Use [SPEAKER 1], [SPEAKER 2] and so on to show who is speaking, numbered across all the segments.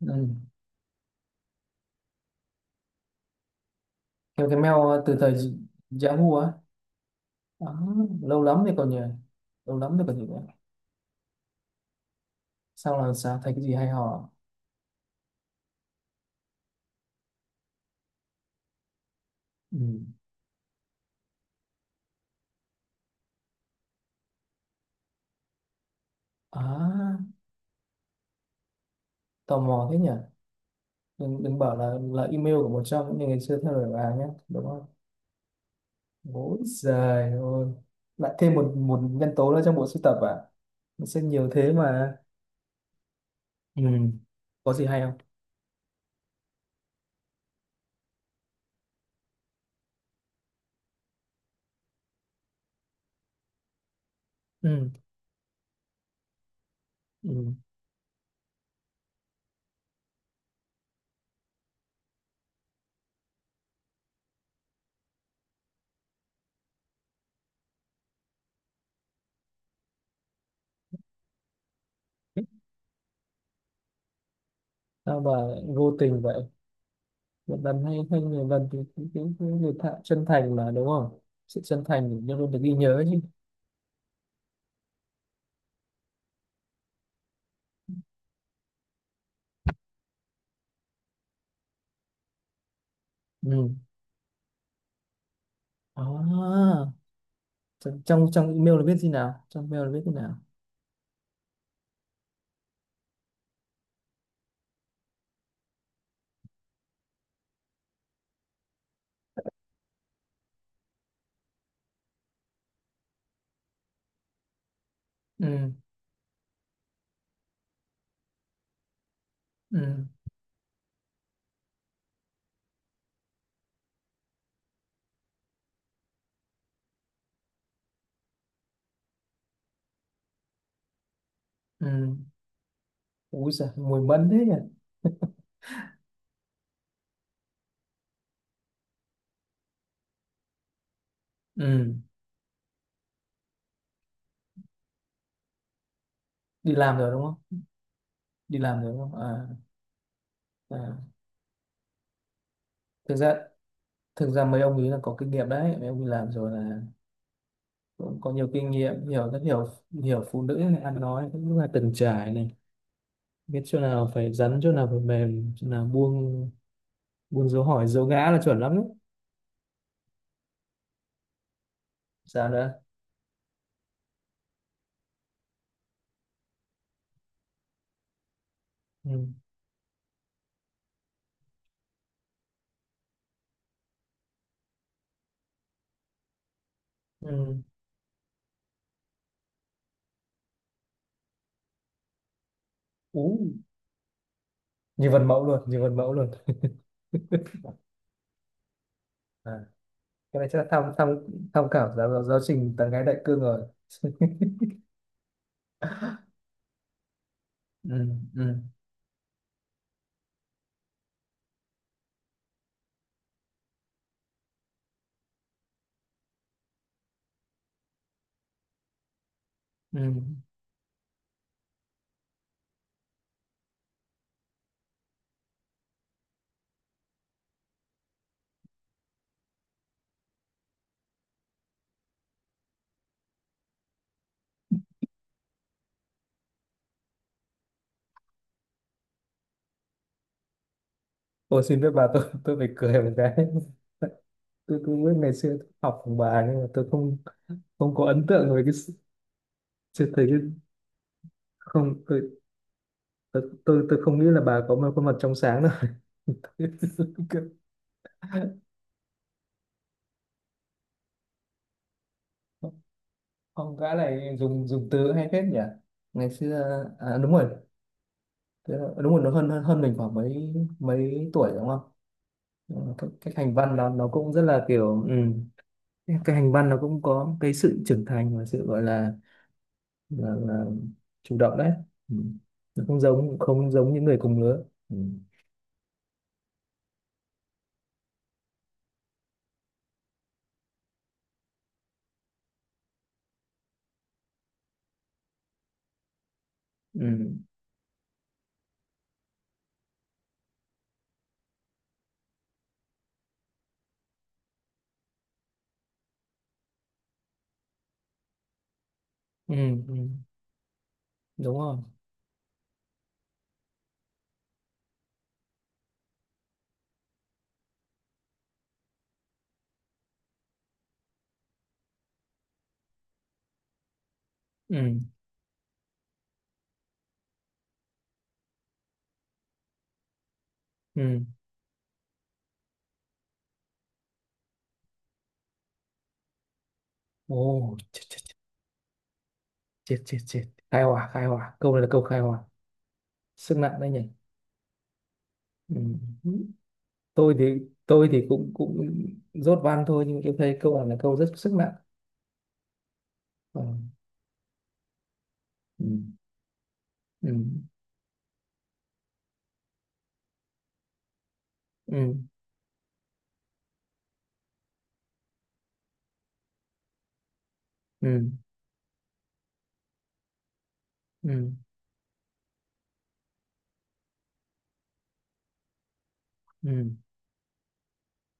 [SPEAKER 1] Ừ. Theo cái mail từ thời Yahoo á. Đó, lâu lắm thì còn nhỉ, lâu lắm thì còn gì nữa? Sao là sao, thấy cái gì hay ho à? Ừ. À, tò mò thế nhỉ. Đừng, đừng bảo là email của một trong những người ngày xưa theo đuổi bà nhé, đúng không? Ôi giời ơi, lại thêm một một nhân tố nữa trong bộ sưu tập à, nó sẽ nhiều thế mà. Ừ. Có gì hay không? Ừ. Ừ. Sao mà vô tình vậy. Việt Nam hay hay nhiều lần thì cái người thạ chân thành mà, đúng không? Sự chân thành thì luôn luôn được ghi nhớ chứ. Ừ. À, trong trong trong email là viết gì nào, trong mail là viết thế nào? Ừ ừ ừ. Ui giời, mùi mẫn thế nhỉ. ừ. Đi làm rồi đúng không? Đi làm rồi đúng không? À, à. Thực ra, thực ra mấy ông ấy là có kinh nghiệm đấy, mấy ông đi làm rồi là cũng có nhiều kinh nghiệm. Hiểu, rất hiểu, hiểu phụ nữ này, ăn nói cũng là từng trải này, biết chỗ nào phải rắn, chỗ nào phải mềm, chỗ nào buông. Buôn dấu hỏi dấu ngã là chuẩn lắm đấy. Sao nữa? Ừ. Ừ. Ú, như vần mẫu luôn, như vần mẫu luôn. À. Cái này chắc là tham tham tham khảo giáo giáo trình tán gái đại cương rồi. ừ, ừ. Ừ. Tôi xin phép bà, tôi phải cười một cái. Tôi cũng biết ngày xưa tôi học cùng bà nhưng mà tôi không, không có ấn tượng về cái sự-. Chưa thấy cái, không tôi, tôi không nghĩ là bà có một khuôn mặt trong sáng đâu. Không, gã này dùng dùng từ hay phết nhỉ? Ngày xưa à, đúng rồi, thế là- đúng rồi nó hơn hơn hơn mình khoảng mấy mấy tuổi đúng không? Ừ, cái hành văn đó nó cũng rất là kiểu ừ. Cái hành văn nó cũng có cái sự trưởng thành và sự gọi là, là chủ động đấy. Ừ. Nó không giống, không giống những người cùng lứa. Ừ. Ừ. Ừ. ừ. Đúng rồi. Ừ. Ừ. Ồ, chết chết chết. Chết chết. Chết. Khai hỏa, khai hỏa. Câu này là câu khai hỏa. Sức nặng đấy nhỉ? Ừ. Tôi thì, tôi thì cũng cũng dốt văn thôi, nhưng tôi thấy câu này là câu rất sức nặng. Ờ. ừ ừ ừ ừ ừ ừ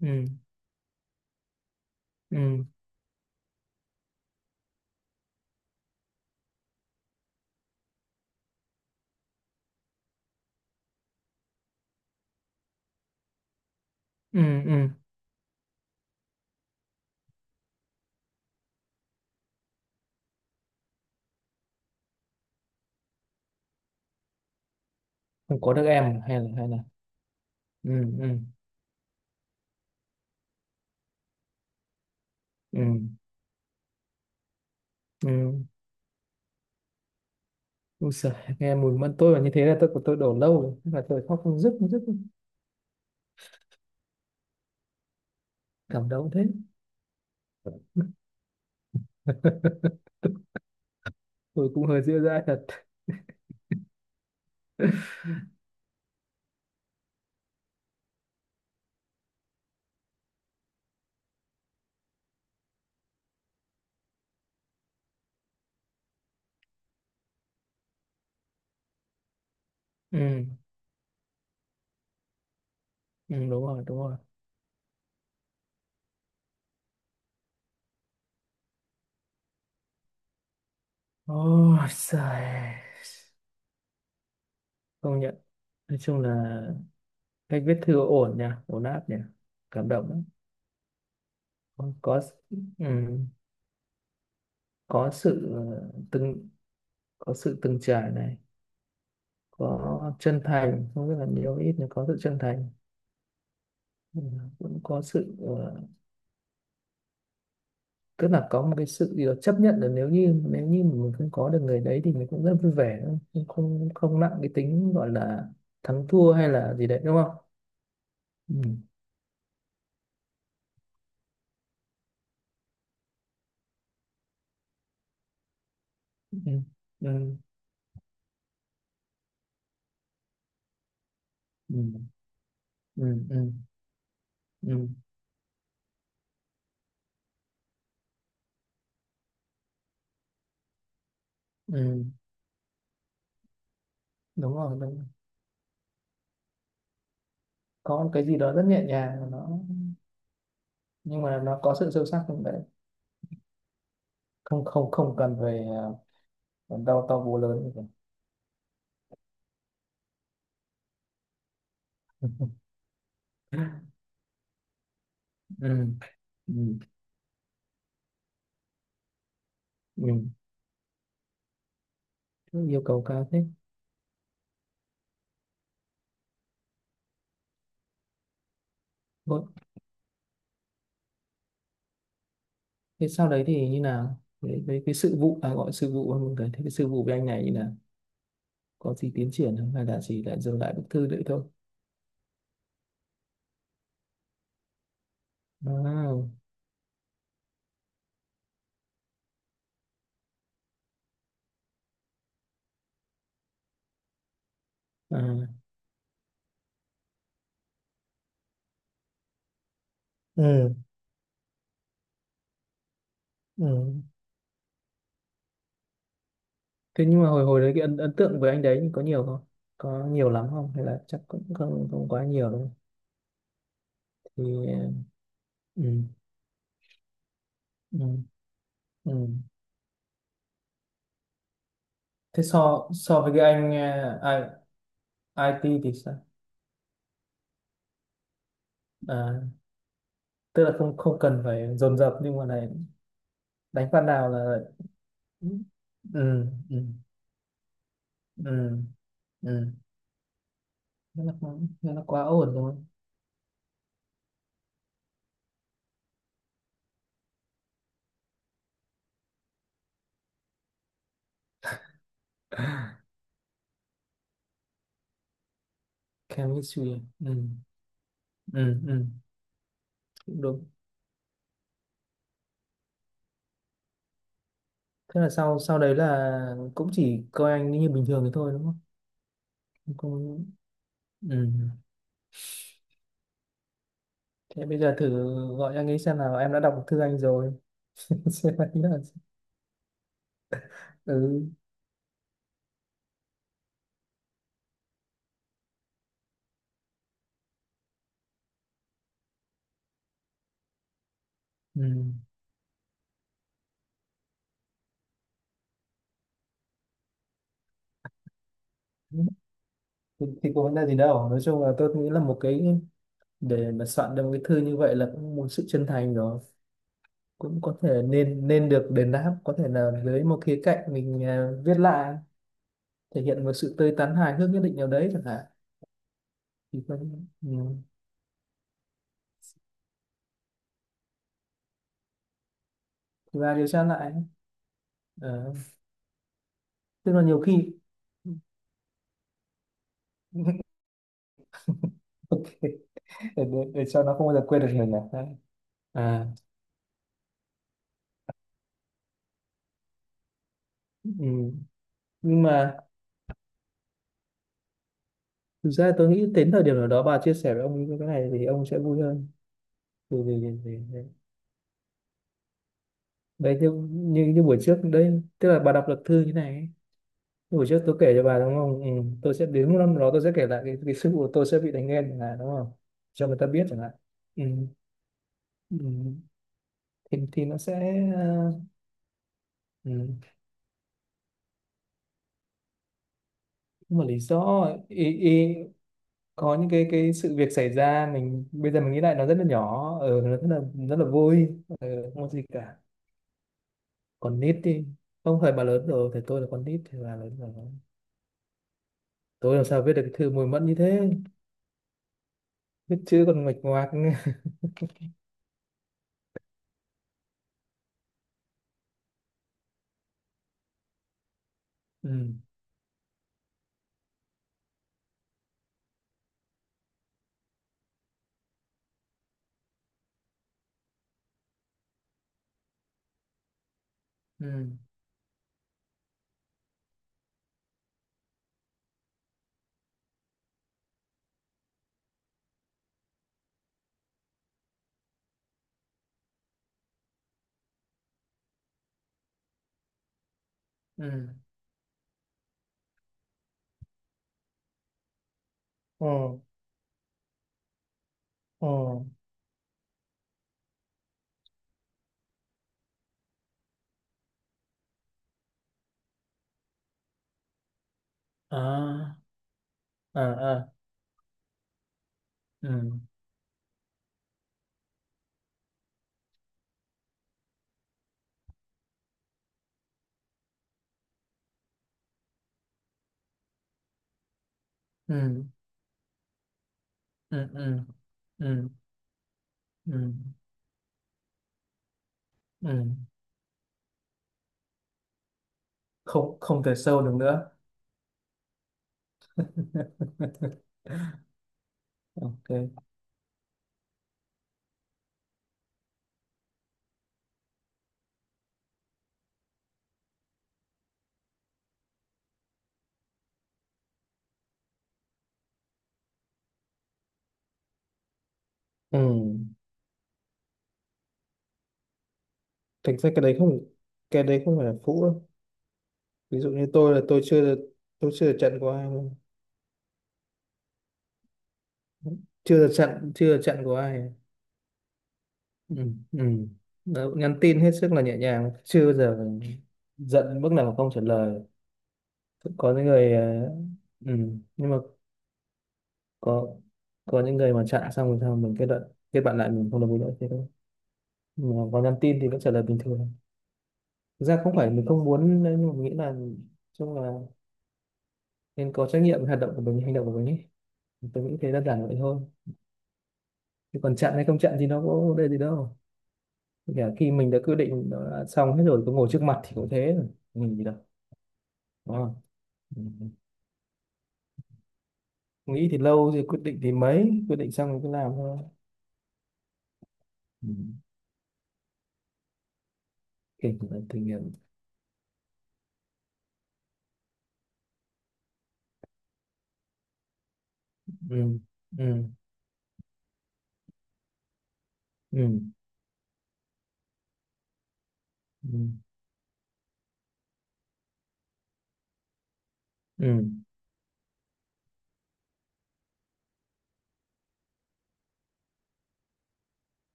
[SPEAKER 1] ừ ừ ừ ừ. Không có được em hay là hay là. Ừ ừ ừ ừ. Ui giời, nghe mùi mẫn tôi mà như thế là tôi của tôi đổ lâu rồi. Thế là tôi khóc không dứt, không dứt. Cảm động thế. Tôi cũng hơi dịu dãi thật. Ừ ừ đúng rồi đúng rồi. Ôi giời, công nhận, nói chung là cách viết thư ổn nha, ổn áp nha, cảm động lắm. Có có, ừm, có sự từng có sự từng trải này, có chân thành, không biết là nhiều ít nhưng có sự chân thành. Ừm, cũng có sự tức là có một cái sự gì đó chấp nhận là nếu như mình không có được người đấy thì mình cũng rất vui vẻ, không, không nặng cái tính gọi là thắng thua hay là gì đấy đúng không? Ừm, ừm, ừm, ừm, ừm, ừm, ừm. Đúng rồi, đúng rồi. Có một cái gì đó rất nhẹ nhàng, nó nhưng mà nó có sự sâu sắc không đấy, không không không cần về đau to búa lớn như vậy. ừ. Ừ. Ừ. Yêu cầu cao thế. Vâng. Thế sau đấy thì như nào với cái sự vụ à, gọi sự vụ hơn một cái, thế cái sự vụ với anh này như nào, có gì tiến triển không hay là chỉ lại dừng lại bức thư đấy thôi? À, à. Ừ. Ừ. Thế nhưng mà hồi hồi đấy cái ấn, tượng với anh đấy thì có nhiều không, có nhiều lắm không hay là chắc cũng không không quá nhiều đâu? Thì à, ừ. Ừ. Ừ. Thế so so với cái anh ờ, IT thì sao? À, tức là không không cần phải dồn dập nhưng mà này, đánh phát nào là. Ừ ừ ừ ừ. Thế là quá, thế là quá ổn rồi. Chemistry à? Ừ ừ ừ. Cũng đúng. Thế là sau sau đấy là cũng chỉ coi anh như bình thường thì thôi đúng không? Không. ừ. Thế bây giờ thử gọi anh ấy xem nào, em đã đọc thư anh rồi. Xem anh là. Ừ ừ. Thì có vấn đề gì đâu, nói chung là tôi nghĩ là một cái, để mà soạn được một cái thư như vậy là cũng một sự chân thành rồi, cũng có thể nên nên được đền đáp có thể là dưới một khía cạnh mình viết lại, thể hiện một sự tươi tắn hài hước nhất định nào đấy chẳng hạn, thì phân ừ. Và điều tra lại. Ờ, tức là nhiều khi. Ok, để, để, để cho nó không bao giờ quên được mình à. Đấy. À, ừ. Nhưng mà thực ra tôi nghĩ đến thời điểm nào đó bà chia sẻ với ông cái này thì ông sẽ vui hơn. Vì, vì, Vì đấy như, như buổi trước đấy tức là bà đọc luật thư như này ấy. Như buổi trước tôi kể cho bà đúng không, ừ, tôi sẽ đến một năm đó tôi sẽ kể lại cái sự của tôi sẽ bị đánh ghen chẳng hạn đúng không, cho người ta biết chẳng hạn. Ừ, ừ. Thì nó sẽ ờ, ừ. Một lý do ý, ý, có những cái sự việc xảy ra mình bây giờ mình nghĩ lại nó rất là nhỏ ừ, nó rất là vui ừ, không có gì cả. Còn nít đi. Không phải bà lớn rồi thì tôi là con nít thì bà lớn rồi, tôi làm sao viết được cái thư mùi mẫn như thế. Viết chữ còn nguệch ngoạc. ừ ừ ừ ồ ồ à à à ừ ừ ừ ừ ừ ừ ừ. Không, không thể sâu được nữa. Ok. Ừ. Thực ra cái đấy không phải là phũ đâu. Ví dụ như tôi là tôi chưa được trận của ai luôn. Chưa được trận, chưa được trận của ai. Ừ. Ừ. Đó, nhắn tin hết sức là nhẹ nhàng, chưa bao giờ giận mức nào mà không trả lời. Có những người ờ, ừ, nhưng mà có có những người mà chặn xong rồi sao mình kết bạn lại mình không đồng ý nữa thế thôi, mà có nhắn tin thì vẫn trả lời bình thường. Thực ra không phải mình không muốn đấy, nhưng mà mình nghĩ là chung là nên có trách nhiệm với hoạt động của mình, hành động của mình ấy, tôi nghĩ thế, đơn giản vậy thôi. Chứ còn chặn hay không chặn thì nó có vấn đề gì đâu. Kể cả khi mình đã quyết định, nó đã xong hết rồi, cứ ngồi trước mặt thì cũng thế rồi, mình gì đâu, đúng không? Ừ. Nghĩ thì lâu thì quyết định, thì mấy quyết định xong rồi cứ làm thôi. Ừ. Kể cả là thử nghiệm. Ừ. ừ. ừ ừ ừ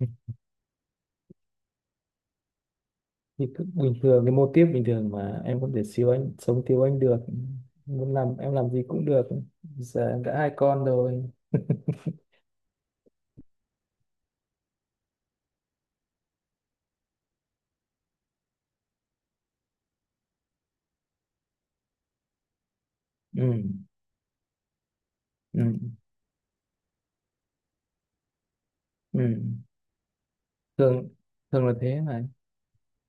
[SPEAKER 1] ừ. Thì cứ bình thường, cái mô típ bình thường mà em có thể siêu anh sống thiếu anh được, muốn làm em làm gì cũng được, giờ em đã 2 con rồi. ừ ừ ừ. Thường, thường là thế mà,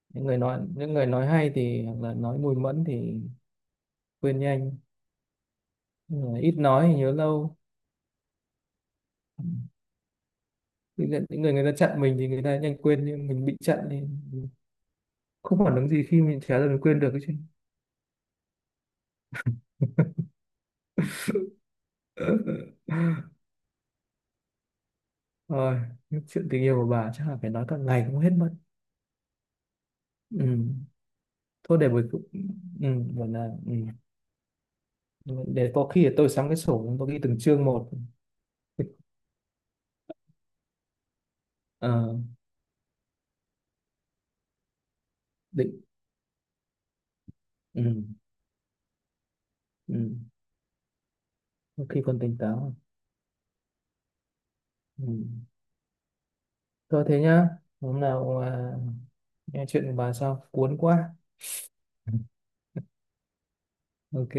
[SPEAKER 1] những người nói hay thì hoặc là nói mùi mẫn thì quên nhanh. Nhưng mà ít nói thì nhớ lâu. Những người người ta chặn mình thì người ta nhanh quên, nhưng mình bị chặn thì không phản ứng gì khi mình trả lời mình quên được cái chuyện. Rồi, những chuyện tình yêu của bà chắc là phải nói cả ngày cũng hết mất. Ừ. Thôi để buổi cu- ừ, gọi là ừ. Để có khi để tôi sắm cái sổ tôi ghi từng chương một. Ờ, định ừ. Ừ. Có khi còn tỉnh táo. Ừ. Thôi thế nhá. Hôm nào à, nghe chuyện của bà sao? Cuốn quá. Ok.